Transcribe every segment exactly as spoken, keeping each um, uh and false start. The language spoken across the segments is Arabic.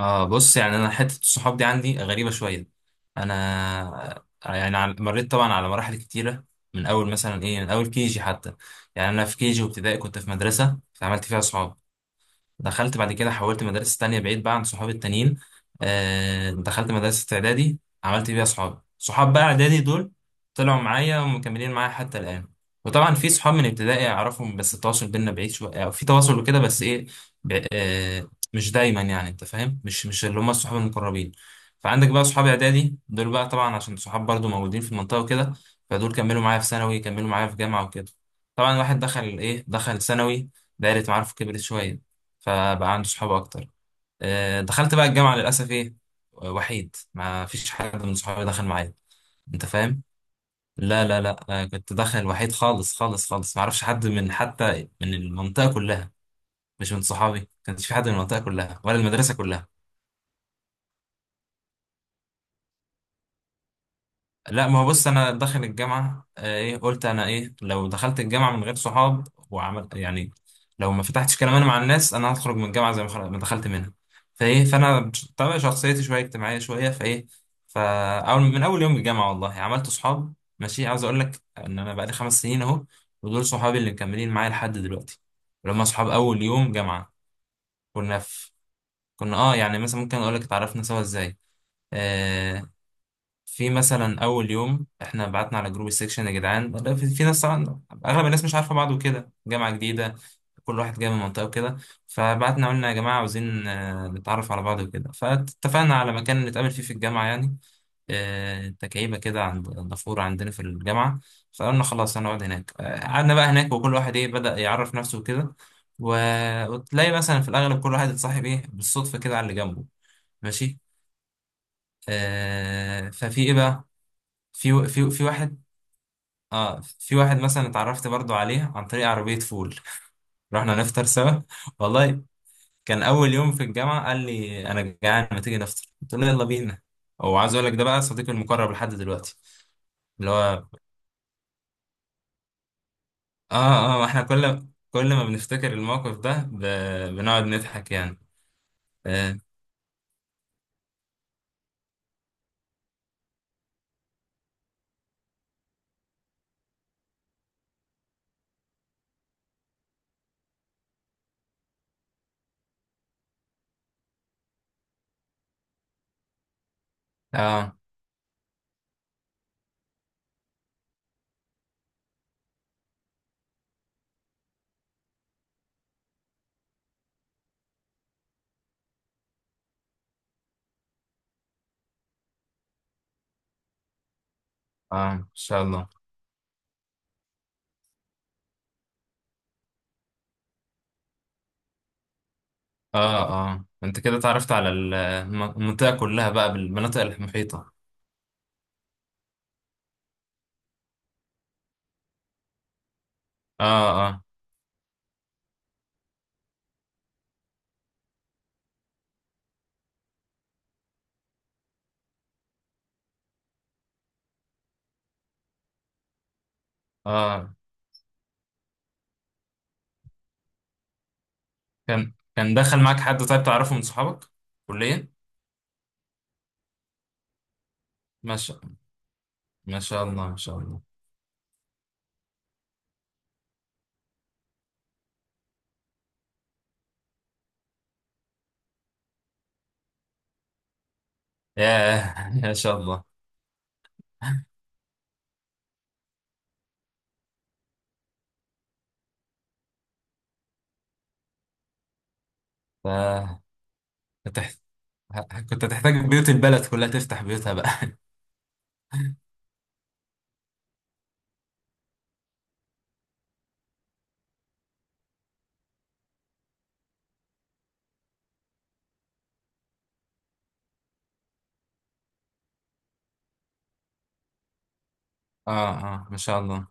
اه بص، يعني انا حته الصحاب دي عندي غريبه شويه. انا يعني عن- مريت طبعا على مراحل كتيره، من اول مثلا ايه من اول كيجي حتى. يعني انا في كيجي وابتدائي كنت في مدرسه فعملت فيها صحاب. دخلت بعد كده حولت مدارس تانية بعيد بقى عن صحابي التانيين. آه، دخلت مدرسة إعدادي عملت بيها صحاب. صحاب بقى إعدادي دول طلعوا معايا ومكملين معايا حتى الآن. وطبعا في صحاب من ابتدائي أعرفهم بس التواصل بينا بعيد شوية أو في تواصل وكده، بس إيه، ب... آه، مش دايما. يعني أنت فاهم، مش مش اللي هم الصحاب المقربين. فعندك بقى صحاب إعدادي دول، بقى طبعا عشان صحاب برضو موجودين في المنطقة وكده. فدول كملوا معايا في ثانوي، كملوا معايا في جامعة وكده. طبعا الواحد دخل إيه دخل ثانوي، دايرة معارفه كبرت شوية، فبقى عنده صحاب اكتر. آه، دخلت بقى الجامعه للاسف ايه، وحيد، ما فيش حد من صحابي دخل معايا. انت فاهم؟ لا لا لا، أنا كنت داخل وحيد خالص خالص خالص، ما اعرفش حد من حتى من المنطقه كلها. مش من صحابي، ما كانش في حد من المنطقه كلها ولا المدرسه كلها. لا، ما هو بص انا داخل الجامعه، آه، ايه، قلت انا ايه لو دخلت الجامعه من غير صحاب وعمل يعني، لو ما فتحتش كلام انا مع الناس انا هخرج من الجامعه زي ما خرج- ما دخلت منها. فايه فانا، طبعا شخصيتي شويه اجتماعيه شويه، فايه، فاول من اول يوم الجامعه والله عملت صحاب. ماشي، عاوز اقول لك ان انا بقالي خمس سنين اهو، ودول صحابي اللي مكملين معايا لحد دلوقتي، اللي هم صحاب اول يوم جامعه. كنا في كنا، اه يعني، مثلا ممكن اقول لك اتعرفنا سوا ازاي. آه، في مثلا اول يوم احنا بعتنا على جروب السكشن يا جدعان، لا، في في ناس، طبعا اغلب الناس مش عارفه بعض وكده، جامعه جديده، كل واحد جاي من منطقه وكده. فبعتنا قلنا يا جماعه عاوزين آه، نتعرف على بعض وكده، فاتفقنا على مكان نتقابل فيه في الجامعه يعني، آه، تكعيبه كده عند النافوره عندنا في الجامعه. فقلنا خلاص هنقعد هناك. آه، قعدنا بقى هناك، وكل واحد ايه بدأ يعرف نفسه وكده، و- وتلاقي مثلا في الاغلب كل واحد اتصاحب ايه بالصدفه كده على اللي جنبه. ماشي، آه، ففي ايه بقى، في في في واحد. اه، في واحد مثلا اتعرفت برضو عليه عن طريق عربية فول. رحنا نفطر سوا. والله كان أول يوم في الجامعة، قال لي أنا جعان ما تيجي نفطر، قلت له يلا بينا. وعايز أقول لك ده بقى صديقي المقرب لحد دلوقتي، اللي هو، اه اه، احنا كل كل ما بنفتكر الموقف ده، ب... بنقعد نضحك يعني. اه اه. آه، ان شاء الله. اه اه، انت كده اتعرفت على الم- المنطقة كلها بقى، بالمناطق المحيطة. اه اه اه، كان كان دخل معاك حد طيب تعرفه من صحابك؟ كلية. ما شاء ما شاء الله، ما شاء الله. ياه ما شاء الله. ف... هتح... ه- كنت هتحتاج بيوت البلد كلها تفتح بيوتها بقى اه اه ما شاء الله.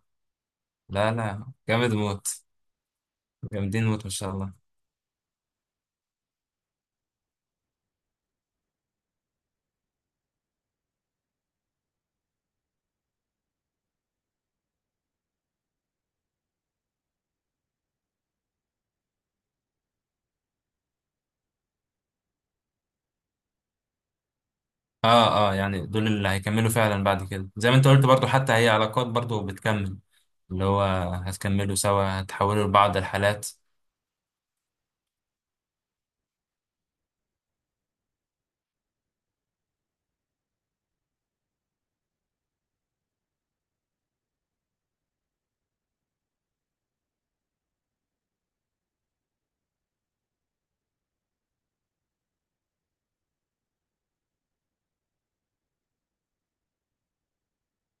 لا لا، جامد موت، جامدين موت، ما شاء الله. اه اه، يعني دول اللي هيكملوا فعلا بعد كده زي ما انت قلت، برضو حتى هي علاقات برضو بتكمل. اللي هو، هتكملوا سوا، هتحولوا لبعض الحالات.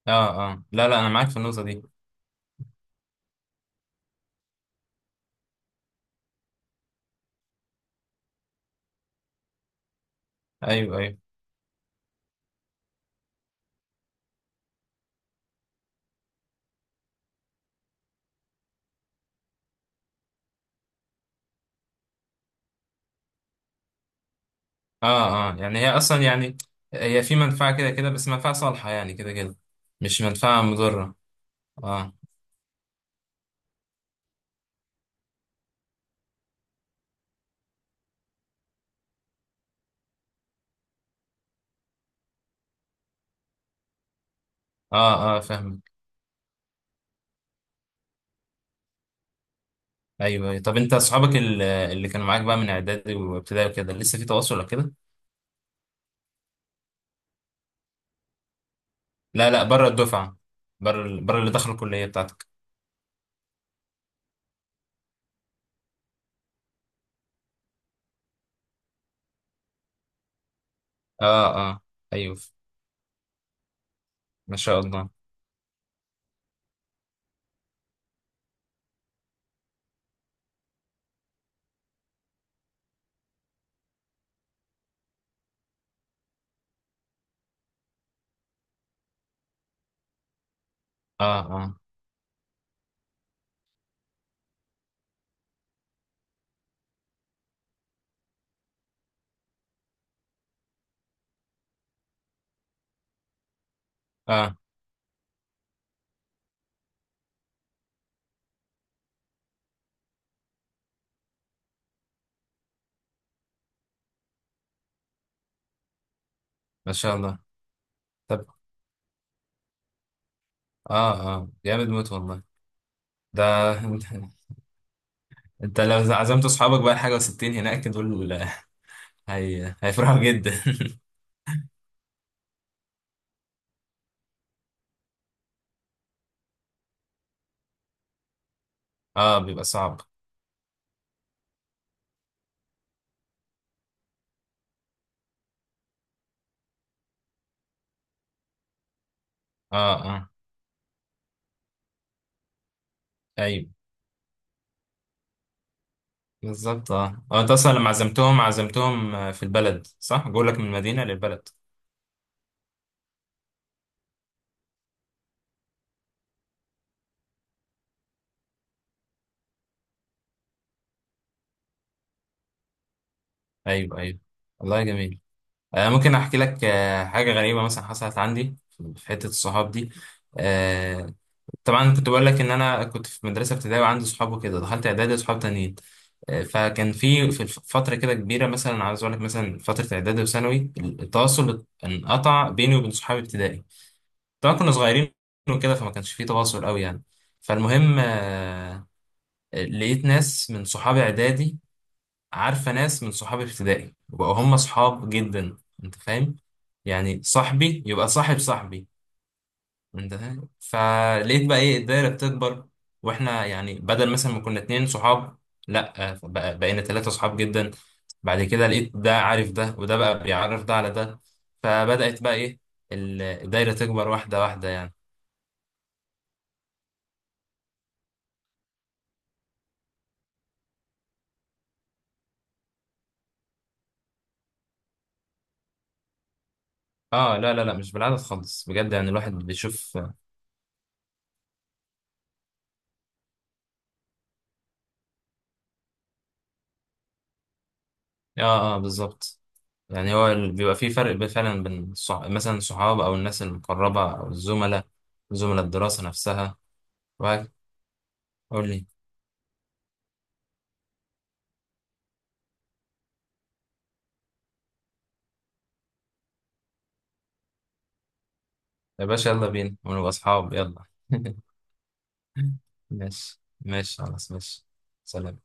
اه اه، لا لا، انا معاك في النقطة دي. ايوه ايوه، اه اه، يعني هي اصلا يعني، هي في منفعة كده كده، بس منفعة صالحة يعني كده كده، مش منفعة مضرة. اه اه اه، فاهمك. ايوه، أيوة. طب انت اصحابك ال- اللي كانوا معاك بقى من اعدادي وابتدائي وكده لسه في تواصل ولا كده؟ لا لا، بره الدفعة، بره بره اللي دخلوا الكلية بتاعتك. اه اه، ايوه، ما شاء الله. اه اه اه، ما شاء الله. طب، اه اه جامد موت والله ده. انت لو عزمت اصحابك بقى حاجة وستين هناك دول هي... هيفرحوا جدا. اه، بيبقى صعب. اه اه، ايوه بالظبط. اه اه، انت اصلا لما عزمتهم عزمتهم آه، في البلد صح؟ جولك من المدينة للبلد. ايوه ايوه، والله جميل. آه ممكن احكي لك آه حاجة غريبة مثلا حصلت عندي في حتة الصحاب دي. آه طبعا كنت بقول لك ان انا كنت في مدرسة ابتدائي وعندي صحاب وكده، دخلت اعدادي وصحاب تانيين. آه، فكان في في الف- فترة كده كبيرة، مثلا عايز اقول لك، مثلا فترة اعدادي وثانوي التواصل انقطع بيني وبين صحابي ابتدائي، طبعا كنا صغيرين وكده، فما كانش فيه تواصل قوي يعني. فالمهم، آه، لقيت ناس من صحابي اعدادي عارفه ناس من صحابي ابتدائي، وبقوا هم صحاب جدا. انت فاهم، يعني صاحبي يبقى صاحب صاحبي. انت فاهم، فلقيت بقى ايه الدايره بتكبر. واحنا يعني بدل مثلا ما كنا اتنين صحاب، لا آه، بقى- بقينا ثلاثه صحاب جدا. بعد كده لقيت ده عارف ده، وده بقى بيعرف ده على ده، فبدأت بقى ايه، ال- الدايره تكبر واحده واحده يعني. اه، لا لا لا، مش بالعدد خالص بجد، يعني الواحد بيشوف. اه اه بالظبط، يعني هو ال- بيبقى في فرق بين- فعلا بين الصح... مثلا الصحاب او الناس المقربة او الزملاء، زملاء الدراسة نفسها وهكذا. قول لي. يا باشا يلا بينا ونبقى اصحاب يلا ماشي ماشي خلاص ماشي. سلام.